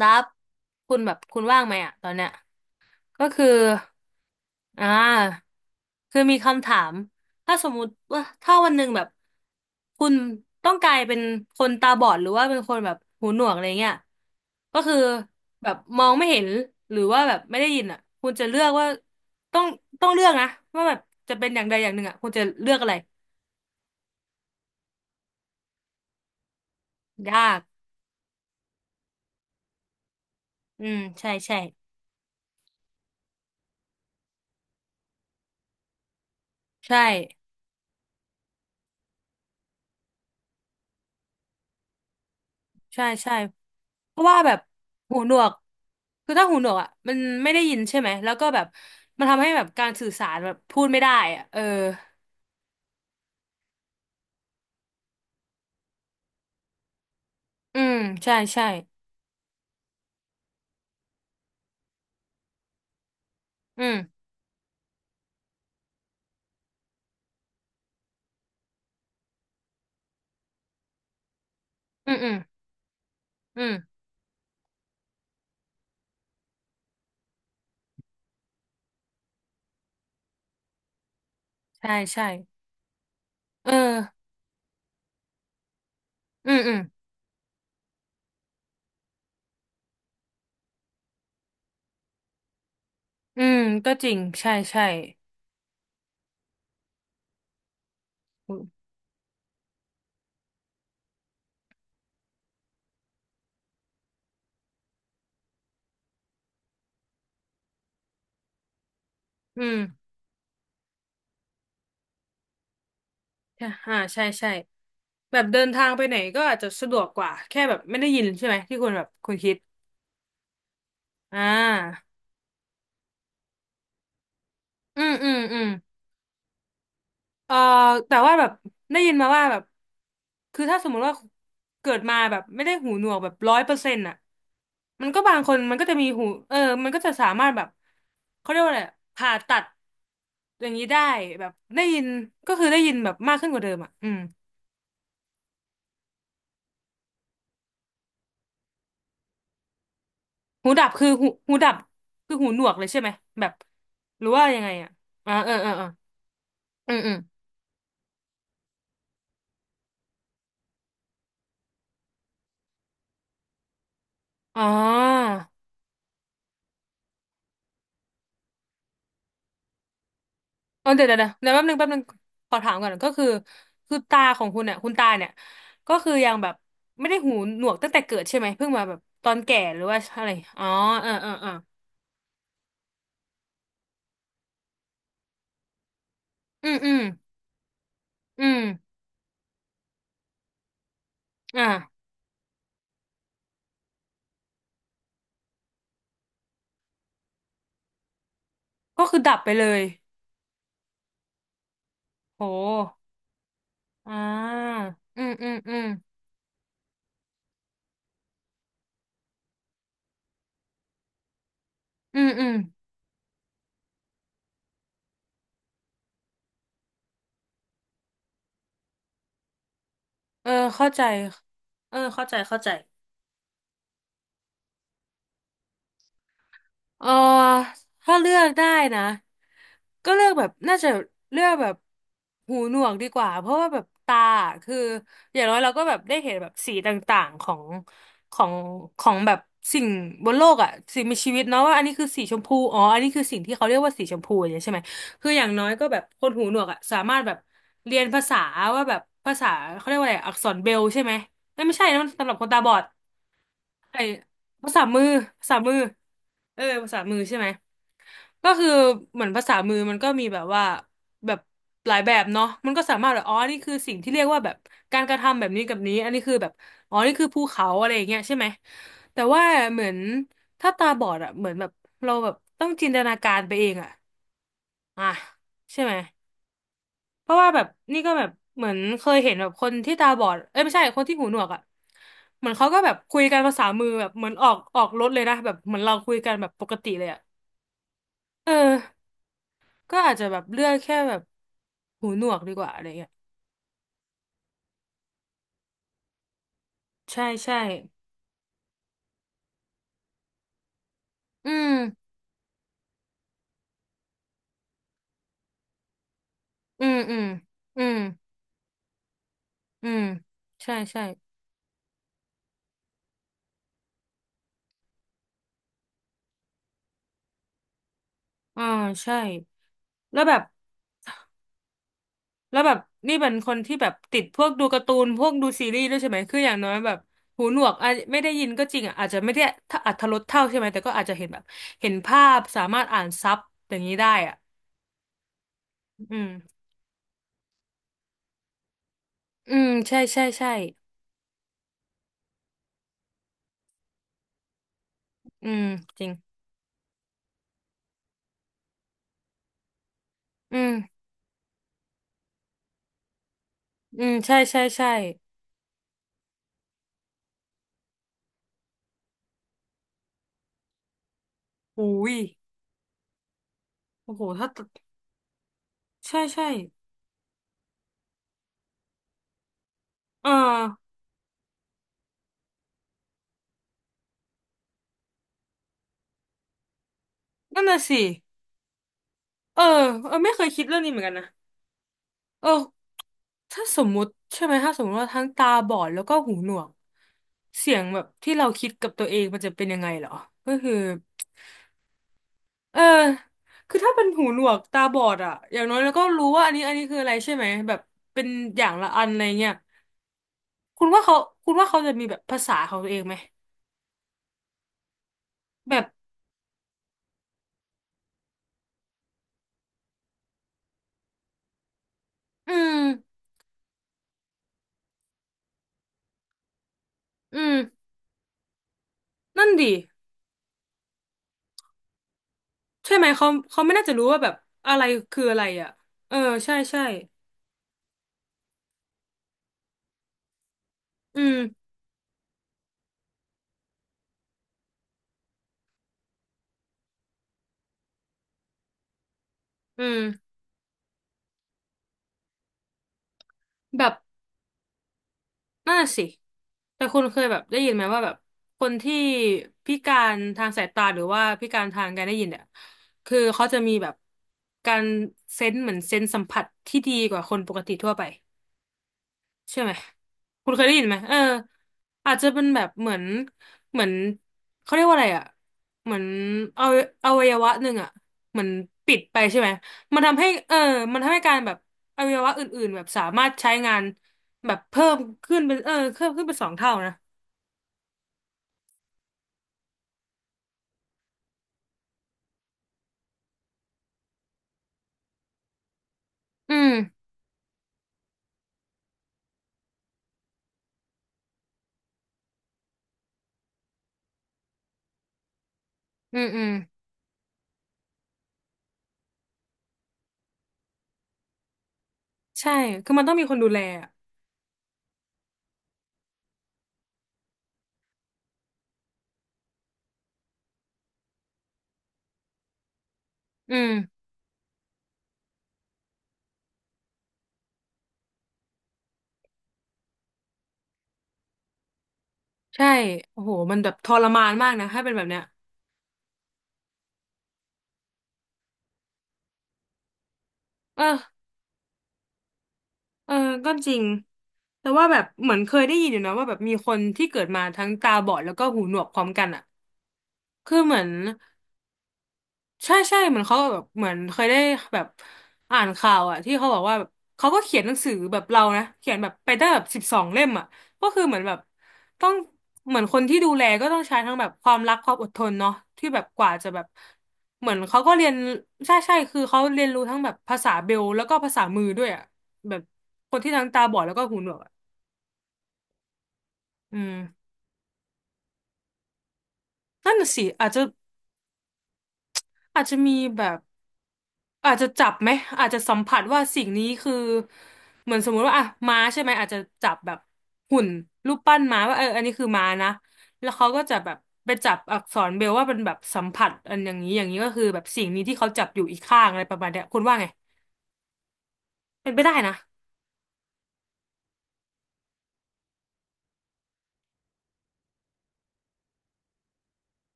ดับคุณแบบคุณว่างไหมอะตอนเนี้ยก็คืออ่าคือมีคำถามถ้าสมมุติว่าถ้าวันหนึ่งแบบคุณต้องกลายเป็นคนตาบอดหรือว่าเป็นคนแบบหูหนวกอะไรเงี้ยก็คือแบบมองไม่เห็นหรือว่าแบบไม่ได้ยินอ่ะคุณจะเลือกว่าต้องต้องเลือกนะว่าแบบจะเป็นอย่างใดอย่างหนึ่งอ่ะคุณจะเลือกอะไรยากอืมใช่ใช่ใช่ ใช่ใช่เพราะว่าแบบหูหนวกคือถ้าหูหนวกอ่ะมันไม่ได้ยินใช่ไหมแล้วก็แบบมันทำให้แบบการสื่อสารแบบพูดไม่ได้อ่ะเอออืมใช่ใช่อืมอืมอืมอืมใช่ใช่เอออืมอืมอืมก็จริงใช่ใช่อืมอืมใช่อ่าใช่ใช่แบบเดินทางไปไหนก็อาจจะสะดวกกว่าแค่แบบไม่ได้ยินใช่ไหมที่คุณแบบคุณคิดอ่าอืมอืมอืม เออแต่ว่าแบบได้ยินมาว่าแบบคือถ้าสมมุติว่าเกิดมาแบบไม่ได้หูหนวกแบบร้อยเปอร์เซ็นต์อ่ะมันก็บางคนมันก็จะมีหูเออมันก็จะสามารถแบบเขาเรียกว่าอะไรอะผ่าตัดอย่างนี้ได้แบบได้ยินก็คือได้ยินแบบมากขึ้นกว่าเดิมอ่ะอืมหูดับคือหูดับคือหูหนวกเลยใช่ไหมแบบหรือว่ายังไงอ่ะอ่าเออเออเอออืมอืมอ๋อ เออเดี๋ยวเดี๋ยวเดี๋ยวเดี๋ยวแป๊บนึงแป๊บนึงขอถามก่อนก็คือคือตาของคุณเนี่ยคุณตาเนี่ยก็คือยังแบบไม่ได้หูหนวกตั้งแต่เกิดใช่ไหมเพิ่งมาแบบตอนแก่หรือว่าอะไรอ๋อเออเออเอออืมอืมอืมอ่าก็คือดับไปเลยโหอ่าอืมอืมอืมอืมอืมเออเข้าใจเออเข้าใจเข้าใจ เออถ้าเลือกได้นะก็เลือกแบบน่าจะเลือกแบบหูหนวกดีกว่าเพราะว่าแบบตาอะคืออย่างน้อยเราก็แบบได้เห็นแบบสีต่างๆของของของแบบสิ่งบนโลกอ่ะสิ่งมีชีวิตเนาะว่าอันนี้คือสีชมพูอ๋ออันนี้คือสิ่งที่เขาเรียกว่าสีชมพูอย่างเงี้ยใช่ไหมคืออย่างน้อยก็แบบคนหูหนวกอ่ะสามารถแบบเรียนภาษาว่าแบบภาษาเขาเรียกว่าอะไรอักษรเบรลใช่ไหมเอ้ยไม่ใช่นะมันสำหรับคนตาบอดไอ้ภาษามือภาษามือเออภาษามือใช่ไหม ก็คือเหมือนภาษามือมันก็มีแบบว่าแบบหลายแบบเนาะมันก็สามารถแบบอ๋อนี่คือสิ่งที่เรียกว่าแบบการกระทำแบบนี้กับนี้อันนี้คือแบบอ๋อนี่คือภูเขาอะไรอย่างเงี้ยใช่ไหมแต่ว่าเหมือนถ้าตาบอดอะเหมือนแบบเราแบบต้องจินตนาการไปเองอะอ่ะใช่ไหมเพราะว่าแบบนี่ก็แบบเหมือนเคยเห็นแบบคนที่ตาบอดเอ้ยไม่ใช่คนที่หูหนวกอะเหมือนเขาก็แบบคุยกันภาษามือแบบเหมือนออกรถเลยนะแบบเหมือนเราคุยกันแบบปกติเลยอะเออ ก็อาจจะแบบเลือกแค่แบบหูหนวกดีกว่าอะไรเงี้ยใช่ใช่อืมอืมอืมอืมอืมใช่ใช่อ่าใช่แล้วแบบแล้วแบบนี่เป็นคนที่แบบติดพวกดูการ์ตูนพวกดูซีรีส์ด้วยใช่ไหมคืออย่างน้อยแบบหูหนวกอาจไม่ได้ยินก็จริงอ่ะอาจจะไม่ได้ถ้าอรรถรสเท่าใช่ไหมแต่ก็อาจจะเห็นแบบเห็นภาพสามารถอ่านซับอย่างนี้ได้อ่ะอืมอืมใช่ใช่ใช่อืมจริงอืมอืมใช่ใช่ใช่หูยโอ้โหถ้า ใช่ใช่เออนั่นน่ะสิเออเออไม่เคยคิดเรื่องนี้เหมือนกันนะเออถ้าสมมุติใช่ไหมถ้าสมมติว่าทั้งตาบอดแล้วก็หูหนวกเสียงแบบที่เราคิดกับตัวเองมันจะเป็นยังไงเหรอก็คือเออคือถ้าเป็นหูหนวกตาบอดอะอย่างน้อยเราก็รู้ว่าอันนี้อันนี้คืออะไรใช่ไหมแบบเป็นอย่างละอันอะไรเงี้ยคุณว่าเขาคุณว่าเขาจะมีแบบภาษาของตัวเองไหมแบบอืมอืมนั่นดิ ใช่ไหมเขาเขาไม่น่าจะรู้ว่าแบบอะไรคืออะไรอ่ะเออใช่ใช่อืมอืมแบบน่าสิแต่คุณเคยแบบได้ยินไหมว่าแบบคนที่พิการทางสายตาหรือว่าพิการทางการได้ยินเนี่ยคือเขาจะมีแบบการเซนส์เหมือนเซนส์สัมผัสที่ดีกว่าคนปกติทั่วไป ใช่อไหมคุณเคยได้ยินไหมอาจจะเป็นแบบเหมือนเหมือนเขาเรียกว่าอะไรอ่ะเหมือนเอาอวัยวะหนึ่งอ่ะเหมือนปิดไปใช่ไหมมันทำให้มันทำให้การแบบอวัยวะอื่นๆแบบสามารถใช้งานแบบเพิ่มขึ้นเป็นเพิ่มขึ้นเป็น2 เท่านะอืมอืมอืมใช่คือมันต้องมีคนดูแลอะอืมใช่โอ้โหมันแบบทรมานมากนะถ้าเป็นแบบเนี้ยเออ เออก็จริง แต่ว่าแบบเหมือนเคยได้ยินอยู่นะว่าแบบมีคนที่เกิดมาทั้งตาบอดแล้วก็หูหนวกพร้อมกันอ่ะคือเหมือนใช่ใช่เหมือนเขาแบบเหมือนเคยได้แบบอ่านข่าวอ่ะที่เขาบอกว่าแบบเขาก็เขียนหนังสือแบบเรานะเขียนแบบไปได้แบบสิบสองเล่มอ่ะก็คือเหมือนแบบต้องเหมือนคนที่ดูแลก็ต้องใช้ทั้งแบบความรักความอดทนเนาะที่แบบกว่าจะแบบเหมือนเขาก็เรียนใช่ใช่คือเขาเรียนรู้ทั้งแบบภาษาเบลแล้วก็ภาษามือด้วยอ่ะแบบคนที่ทั้งตาบอดแล้วก็หูหนวก อืมนั่นน่ะสิอาจจะอาจจะมีแบบอาจจะจับไหมอาจจะสัมผัสว่าสิ่งนี้คือเหมือนสมมุติว่าอ่ะม้าใช่ไหมอาจจะจับแบบหุ่นรูปปั้นม้าว่าอันนี้คือม้านะแล้วเขาก็จะแบบไปจับอักษรเบรลว่าเป็นแบบสัมผัสอันอย่างนี้อย่างนี้ก็คือแบบสิ่งนี้ที่เขาจับอยู่อีกข้างอะไรประมาณเนี้ยคุณว่าไงเป็นไปได้นะ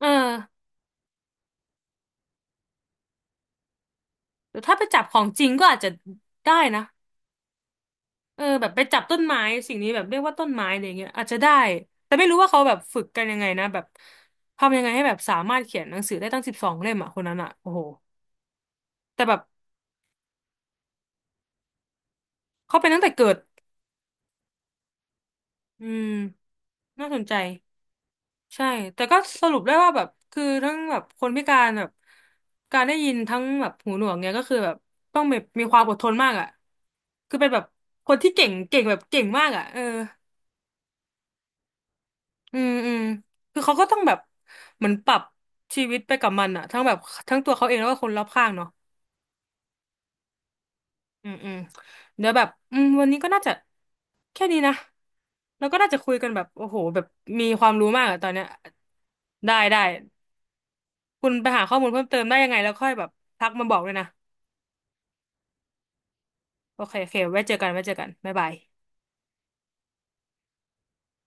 เออแต่ถ้าไปจับของจริงก็อาจจะได้นะ เออแบบไปจับต้นไม้สิ่งนี้แบบเรียกว่าต้นไม้อะไรเงี้ยอาจจะได้แต่ไม่รู้ว่าเขาแบบฝึกกันยังไงนะแบบทำยังไงให้แบบสามารถเขียนหนังสือได้ตั้งสิบสองเล่มอ่ะคนนั้นอ่ะโอ้โหแต่แบบเขาเป็นตั้งแต่เกิดอืมน่าสนใจใช่แต่ก็สรุปได้ว่าแบบคือทั้งแบบคนพิการแบบการได้ยินทั้งแบบหูหนวกเนี่ยก็คือแบบต้องแบบมีความอดทนมากอ่ะคือเป็นแบบคนที่เก่งแบบเก่งมากอ่ะเออ อืมอืมคือเขาก็ต้องแบบเหมือนปรับชีวิตไปกับมันอะทั้งแบบทั้งตัวเขาเองแล้วก็คนรอบข้างเนาะอืมอืมเดี๋ยวแบบอืมวันนี้ก็น่าจะแค่นี้นะแล้วก็น่าจะคุยกันแบบโอ้โหแบบมีความรู้มากอะตอนเนี้ยได้ได้คุณไปหาข้อมูลเพิ่มเติมได้ยังไงแล้วค่อยแบบทักมาบอกด้วยนะโอเคโอเคไว้เจอกันไว้เจอกันบ๊ายบาย